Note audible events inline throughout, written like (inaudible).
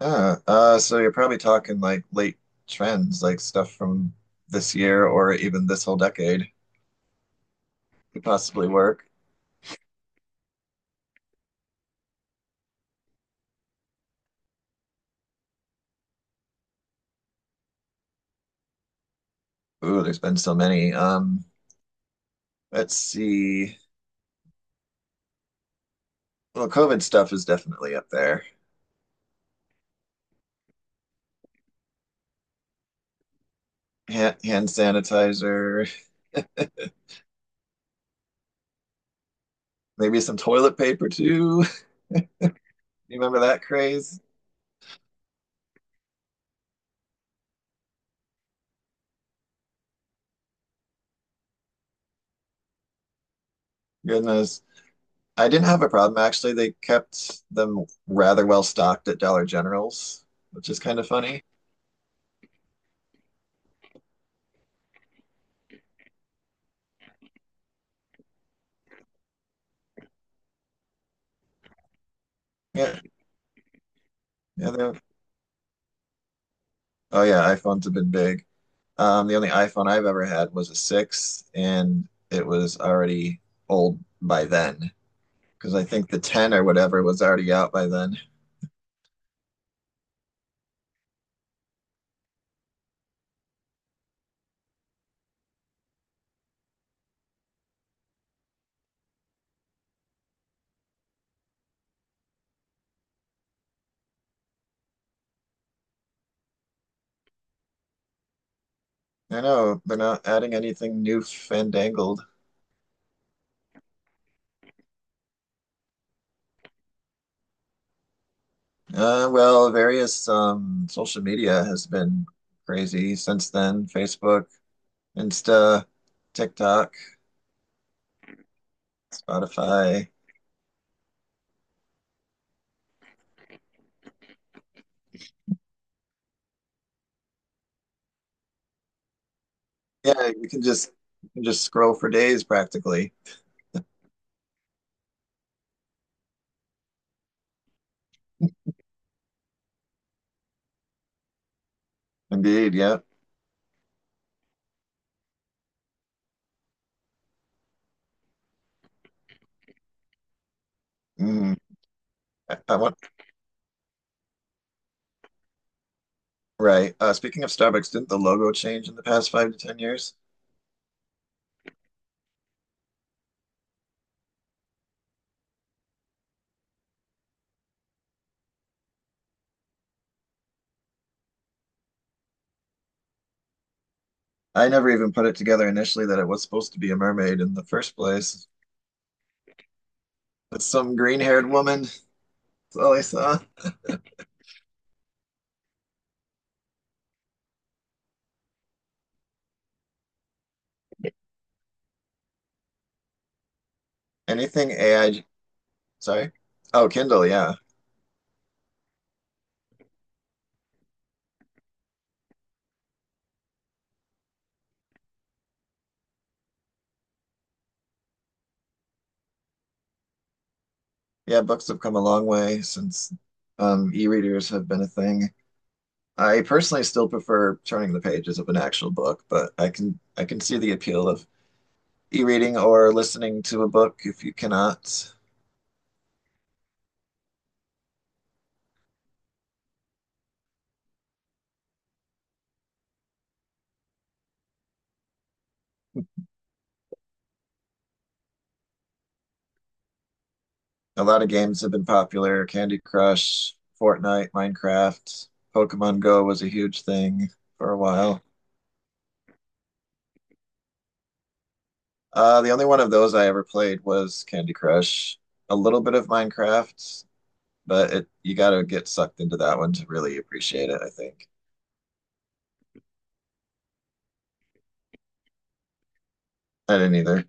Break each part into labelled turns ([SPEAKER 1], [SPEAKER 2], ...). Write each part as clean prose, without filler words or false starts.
[SPEAKER 1] Yeah, so you're probably talking like late trends, like stuff from this year or even this whole decade could possibly work. Ooh, there's been so many. Let's see. Well, COVID stuff is definitely up there. Hand sanitizer, maybe some toilet paper too. (laughs) You remember that craze? Goodness. I didn't have a problem actually. They kept them rather well stocked at Dollar General's, which is kind of funny. Yeah, yeah, oh yeah, iPhones have been big. The only iPhone I've ever had was a six, and it was already old by then because I think the 10 or whatever was already out by then. I know they're not adding anything new fandangled. Well, various social media has been crazy since then. Facebook, Insta, TikTok, Spotify. Yeah, you can just scroll for days practically. Indeed, yeah. Mm. I want right. Speaking of Starbucks, didn't the logo change in the past five to ten years? I never even put it together initially that it was supposed to be a mermaid in the first place. It's some green-haired woman. That's all I saw. Anything AI, sorry. Oh, Kindle, yeah. Yeah, books have come a long way since e-readers have been a thing. I personally still prefer turning the pages of an actual book, but I can see the appeal of e-reading or listening to a book if you cannot. A lot of games have been popular. Candy Crush, Fortnite, Minecraft, Pokemon Go was a huge thing for a while. The only one of those I ever played was Candy Crush. A little bit of Minecraft, but it you gotta get sucked into that one to really appreciate it, I think. I didn't either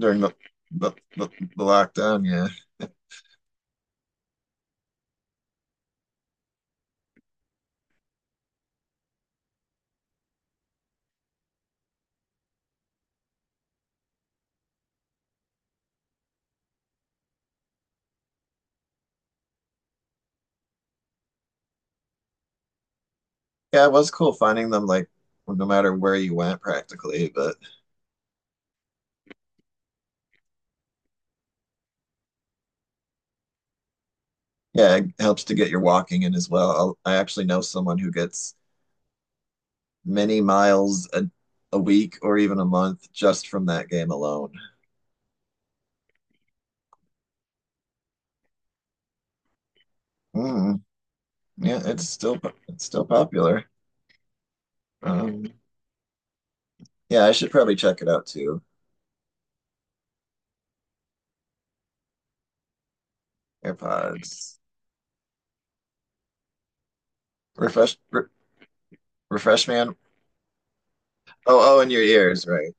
[SPEAKER 1] during the lockdown, yeah. Yeah, it was cool finding them like no matter where you went practically, but yeah, it helps to get your walking in as well. I actually know someone who gets many miles a week or even a month just from that game alone. Mm, yeah, it's still popular. Um, yeah, I should probably check it out too. AirPods, refresh, re- refresh man. Oh, oh, in your ears, right?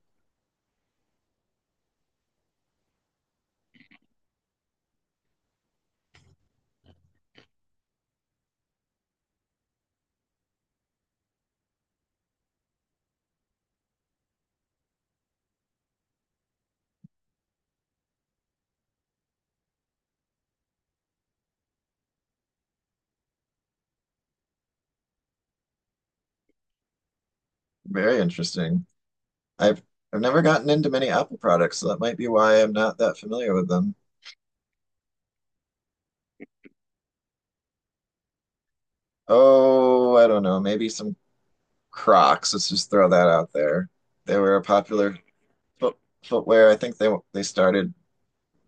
[SPEAKER 1] Very interesting. I've I've never gotten into many Apple products, so that might be why I'm not that familiar with them. Oh, I don't know. Maybe some Crocs. Let's just throw that out there. They were a popular foot, footwear. I think they started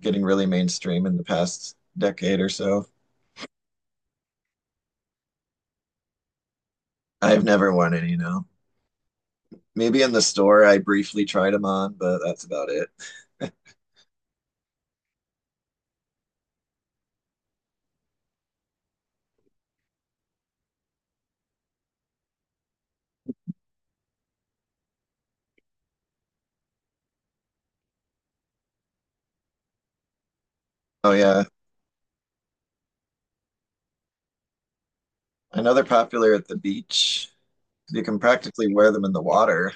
[SPEAKER 1] getting really mainstream in the past decade or so. I've never worn any, no. Maybe in the store I briefly tried them on, but that's about it. (laughs) Oh yeah, I know they're popular at the beach. You can practically wear them in the water.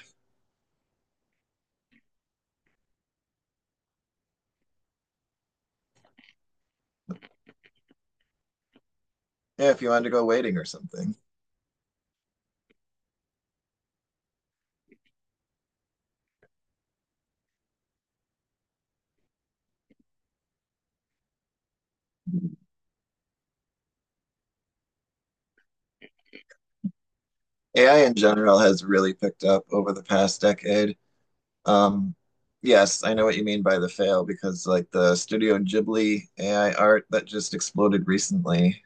[SPEAKER 1] Yeah, if you wanted to go wading or something. AI in general has really picked up over the past decade. Um, yes, I know what you mean by the fail because like the Studio Ghibli AI art that just exploded recently.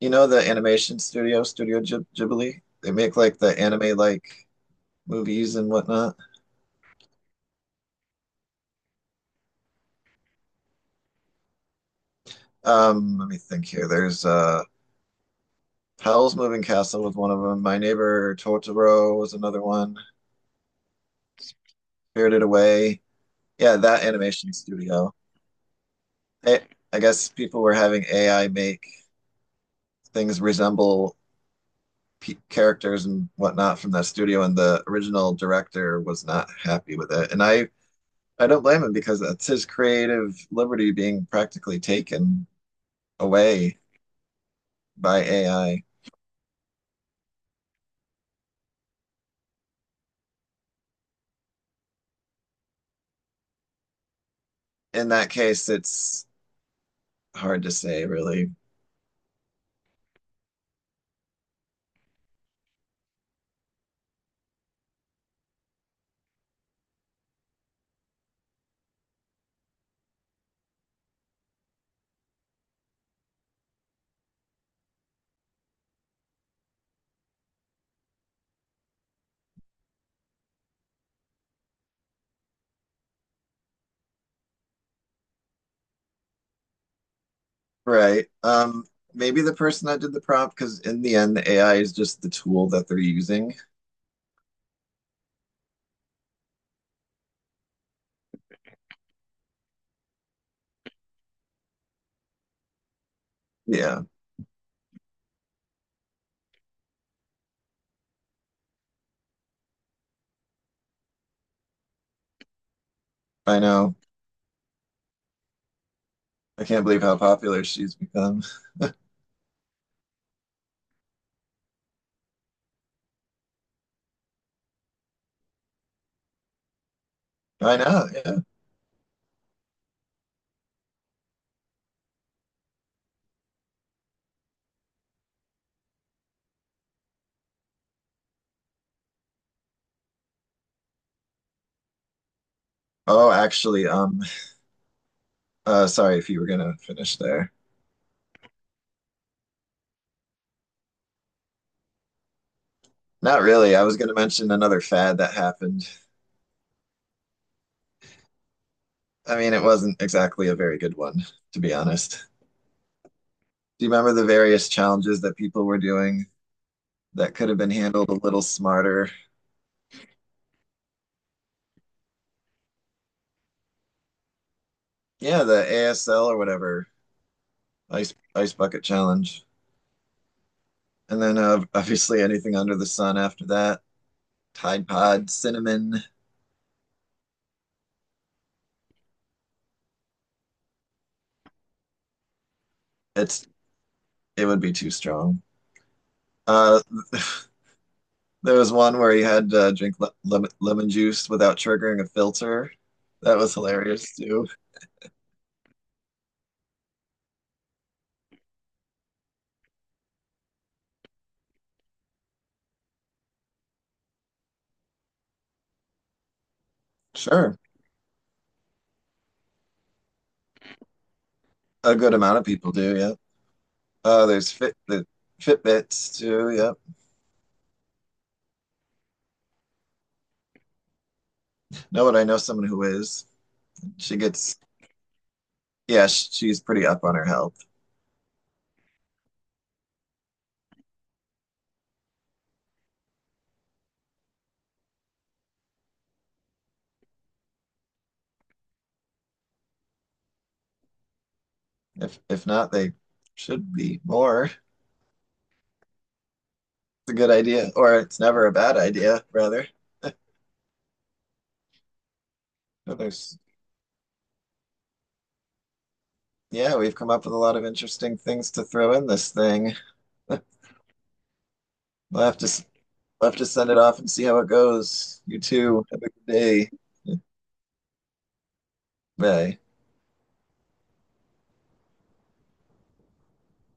[SPEAKER 1] You know the animation studio, Ghibli? They make like the anime like movies and whatnot. Let me think here. There's Howl's Moving Castle was one of them. My Neighbor Totoro was another one. Spirited Away. Yeah, that animation studio. I, I guess people were having AI make things resemble characters and whatnot from that studio, and the original director was not happy with it. And I don't blame him because that's his creative liberty being practically taken away by AI. In that case, it's hard to say, really. Right. Maybe the person that did the prompt, because in the end, the AI is just the tool that they're using. Yeah, I know. I can't believe how popular she's become. I know. Yeah. Oh, actually, sorry if you were gonna finish there. Not really. I was going to mention another fad that happened. I mean, it wasn't exactly a very good one, to be honest. Do you remember the various challenges that people were doing that could have been handled a little smarter? Yeah, the ASL or whatever, ice bucket challenge. And then obviously anything under the sun after that, Tide Pod, cinnamon, it's it would be too strong. Uh, (laughs) there was one where you had to drink le lemon, juice without triggering a filter. That was hilarious too. Sure. A good amount of people do, yeah. There's Fitbits too, yeah. No, but I know someone who is. She gets, yeah, she's pretty up on her health. If not, they should be more. It's a good idea, or it's never a bad idea, rather. But yeah, we've come up with a lot of interesting things to throw in this thing. (laughs) We'll have to s- we'll have to send it off and see how it goes. You too. Have a good day. Bye.